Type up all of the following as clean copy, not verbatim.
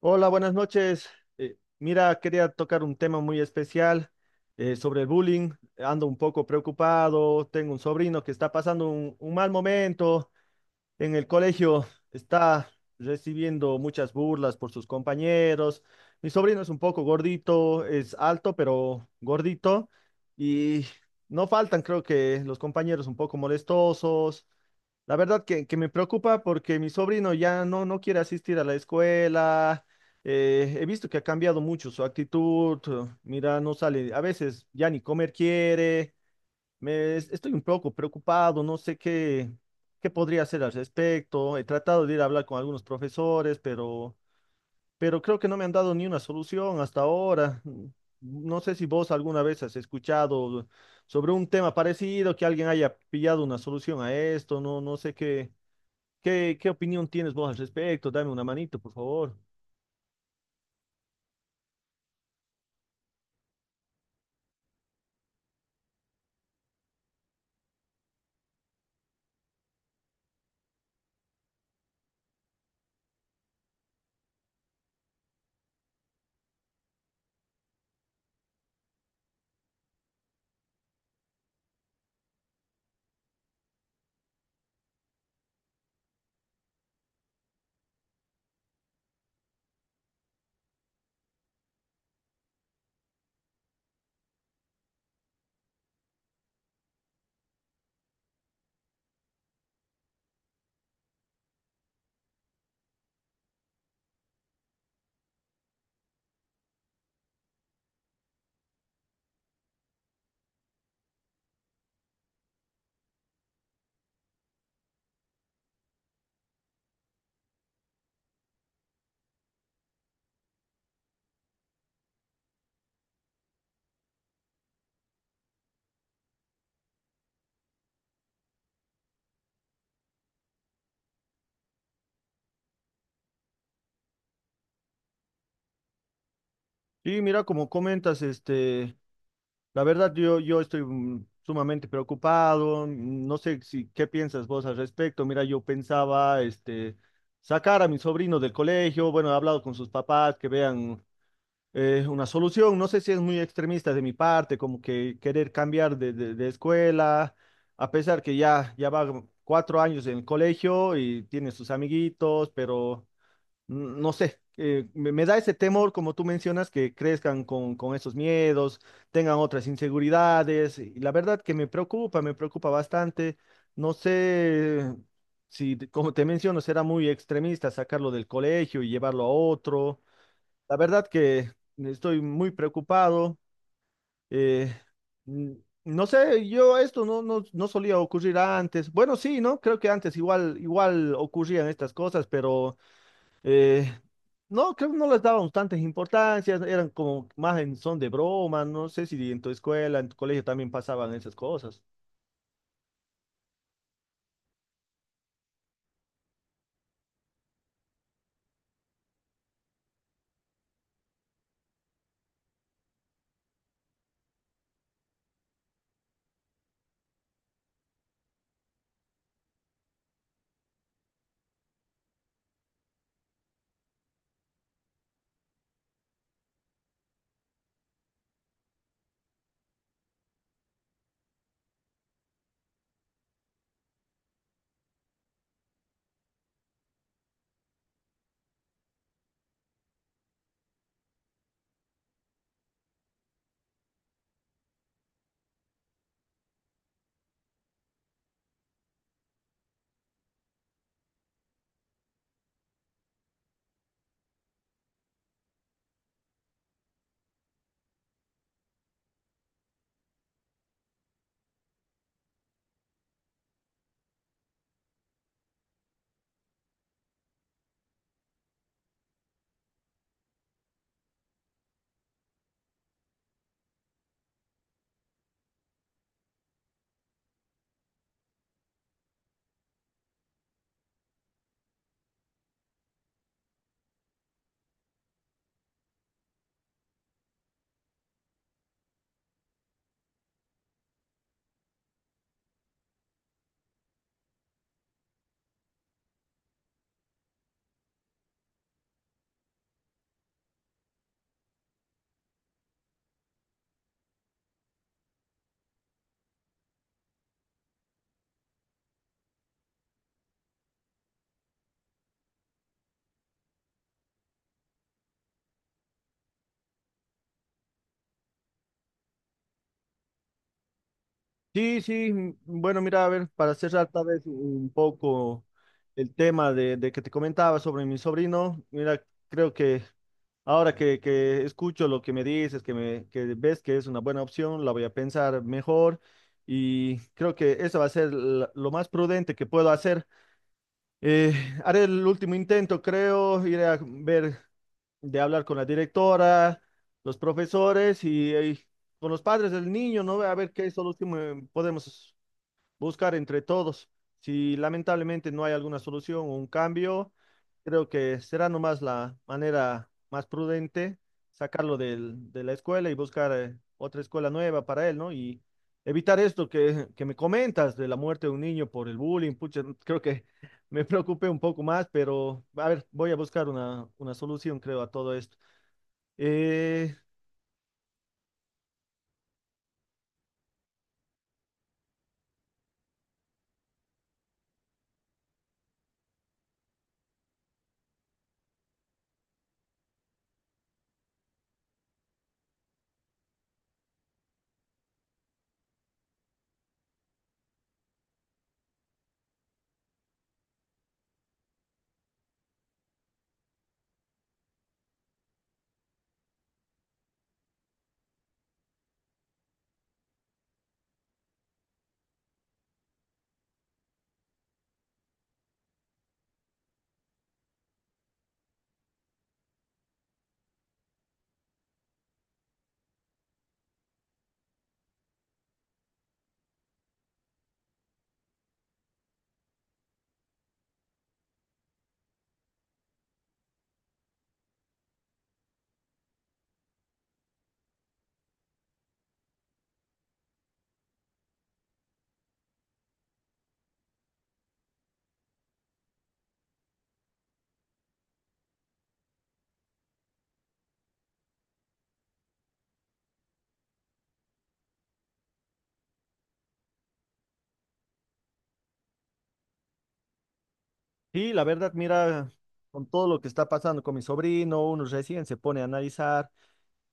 Hola, buenas noches. Mira, quería tocar un tema muy especial sobre el bullying. Ando un poco preocupado. Tengo un sobrino que está pasando un mal momento en el colegio. Está recibiendo muchas burlas por sus compañeros. Mi sobrino es un poco gordito, es alto, pero gordito. Y no faltan, creo que, los compañeros un poco molestosos. La verdad que me preocupa porque mi sobrino ya no quiere asistir a la escuela. He visto que ha cambiado mucho su actitud. Mira, no sale, a veces ya ni comer quiere. Estoy un poco preocupado, no sé qué podría hacer al respecto. He tratado de ir a hablar con algunos profesores, pero creo que no me han dado ni una solución hasta ahora. No sé si vos alguna vez has escuchado sobre un tema parecido, que alguien haya pillado una solución a esto, no, no sé qué opinión tienes vos al respecto, dame una manito, por favor. Y mira, como comentas, este, la verdad yo estoy sumamente preocupado. No sé si qué piensas vos al respecto. Mira, yo pensaba, este, sacar a mi sobrino del colegio. Bueno, he hablado con sus papás que vean una solución. No sé si es muy extremista de mi parte, como que querer cambiar de escuela, a pesar que ya va 4 años en el colegio y tiene sus amiguitos, pero no sé, me da ese temor, como tú mencionas, que crezcan con esos miedos, tengan otras inseguridades. Y la verdad que me preocupa bastante. No sé si, te- como te menciono, será muy extremista sacarlo del colegio y llevarlo a otro. La verdad que estoy muy preocupado. eh, mm, no sé, yo esto no solía ocurrir antes. Bueno, sí, ¿no? Creo que antes igual, igual ocurrían estas cosas, pero... Eh, no, creo que no les daban tantas importancias, eran como más en son de broma, no sé si en tu escuela, en tu colegio también pasaban esas cosas. Sí, sí, bueno, mira, a ver, para cerrar tal vez un poco el tema de que te comentaba sobre mi sobrino, mira, creo que ahora que escucho lo que me dices, que ves que es una buena opción, la voy a pensar mejor y creo que eso va a ser lo más prudente que puedo hacer. Eh, Haré el último intento, creo, iré a ver, de hablar con la directora, los profesores y, con los padres del niño, ¿no? A ver qué solución podemos buscar entre todos. Si lamentablemente no hay alguna solución o un cambio, creo que será nomás la manera más prudente sacarlo de la escuela y buscar otra escuela nueva para él, ¿no? Y evitar esto que me comentas de la muerte de un niño por el bullying. Pucha, creo que me preocupé un poco más, pero a ver, voy a buscar una solución, creo, a todo esto. Eh, y la verdad, mira, con todo lo que está pasando con mi sobrino, uno recién se pone a analizar.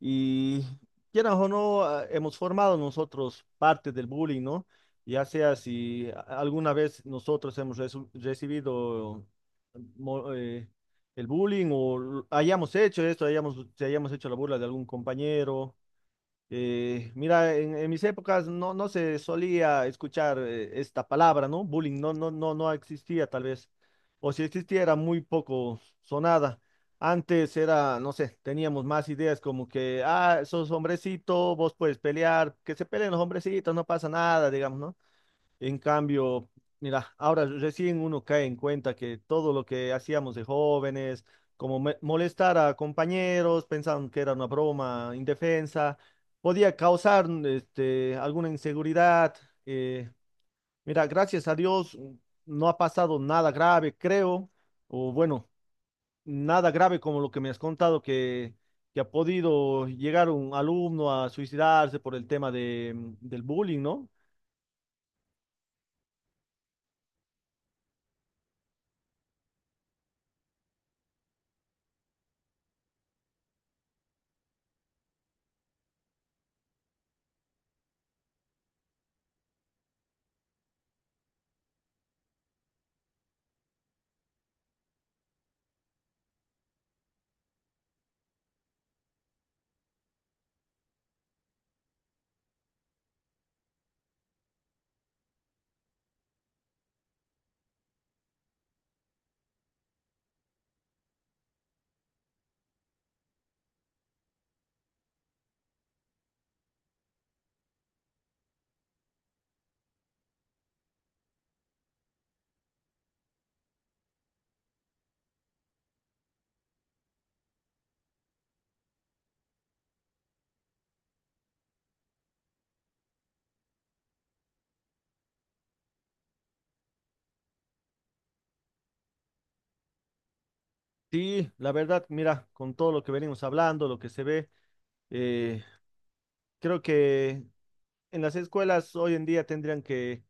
Y quieras o no, ah, hemos formado nosotros parte del bullying, ¿no? Ya sea si alguna vez nosotros hemos recibido mo- eh, el bullying o hayamos hecho esto, si hayamos hecho la burla de algún compañero, mira, en mis épocas no se solía escuchar esta palabra, ¿no? Bullying no existía tal vez. O si existía era muy poco sonada. Antes era, no sé, teníamos más ideas como que, ah, sos hombrecito, vos puedes pelear, que se peleen los hombrecitos, no pasa nada, digamos, ¿no? En cambio, mira, ahora recién uno cae en cuenta que todo lo que hacíamos de jóvenes, como molestar a compañeros, pensaban que era una broma indefensa, podía causar alguna inseguridad. eh, Mira, gracias a Dios no ha pasado nada grave, creo, o bueno, nada grave como lo que me has contado que ha podido llegar un alumno a suicidarse por el tema de, del bullying, ¿no? Sí, la verdad, mira, con todo lo que venimos hablando, lo que se ve, eh, creo que en las escuelas hoy en día tendrían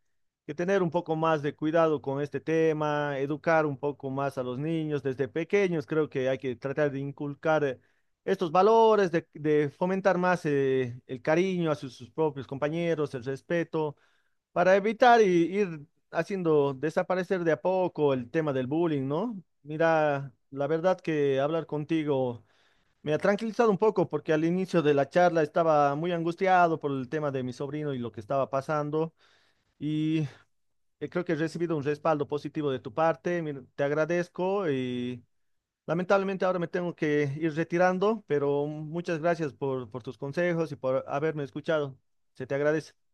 que tener un poco más de cuidado con este tema, educar un poco más a los niños desde pequeños. Creo que hay que tratar de inculcar estos valores, de fomentar más el cariño hacia sus propios compañeros, el respeto. Para evitar y ir haciendo desaparecer de a poco el tema del bullying, ¿no? Mira, la verdad que hablar contigo me ha tranquilizado un poco porque al inicio de la charla estaba muy angustiado por el tema de mi sobrino y lo que estaba pasando y creo que he recibido un respaldo positivo de tu parte. Mira, te agradezco y lamentablemente ahora me tengo que ir retirando, pero muchas gracias por tus consejos y por haberme escuchado. Se te agradece.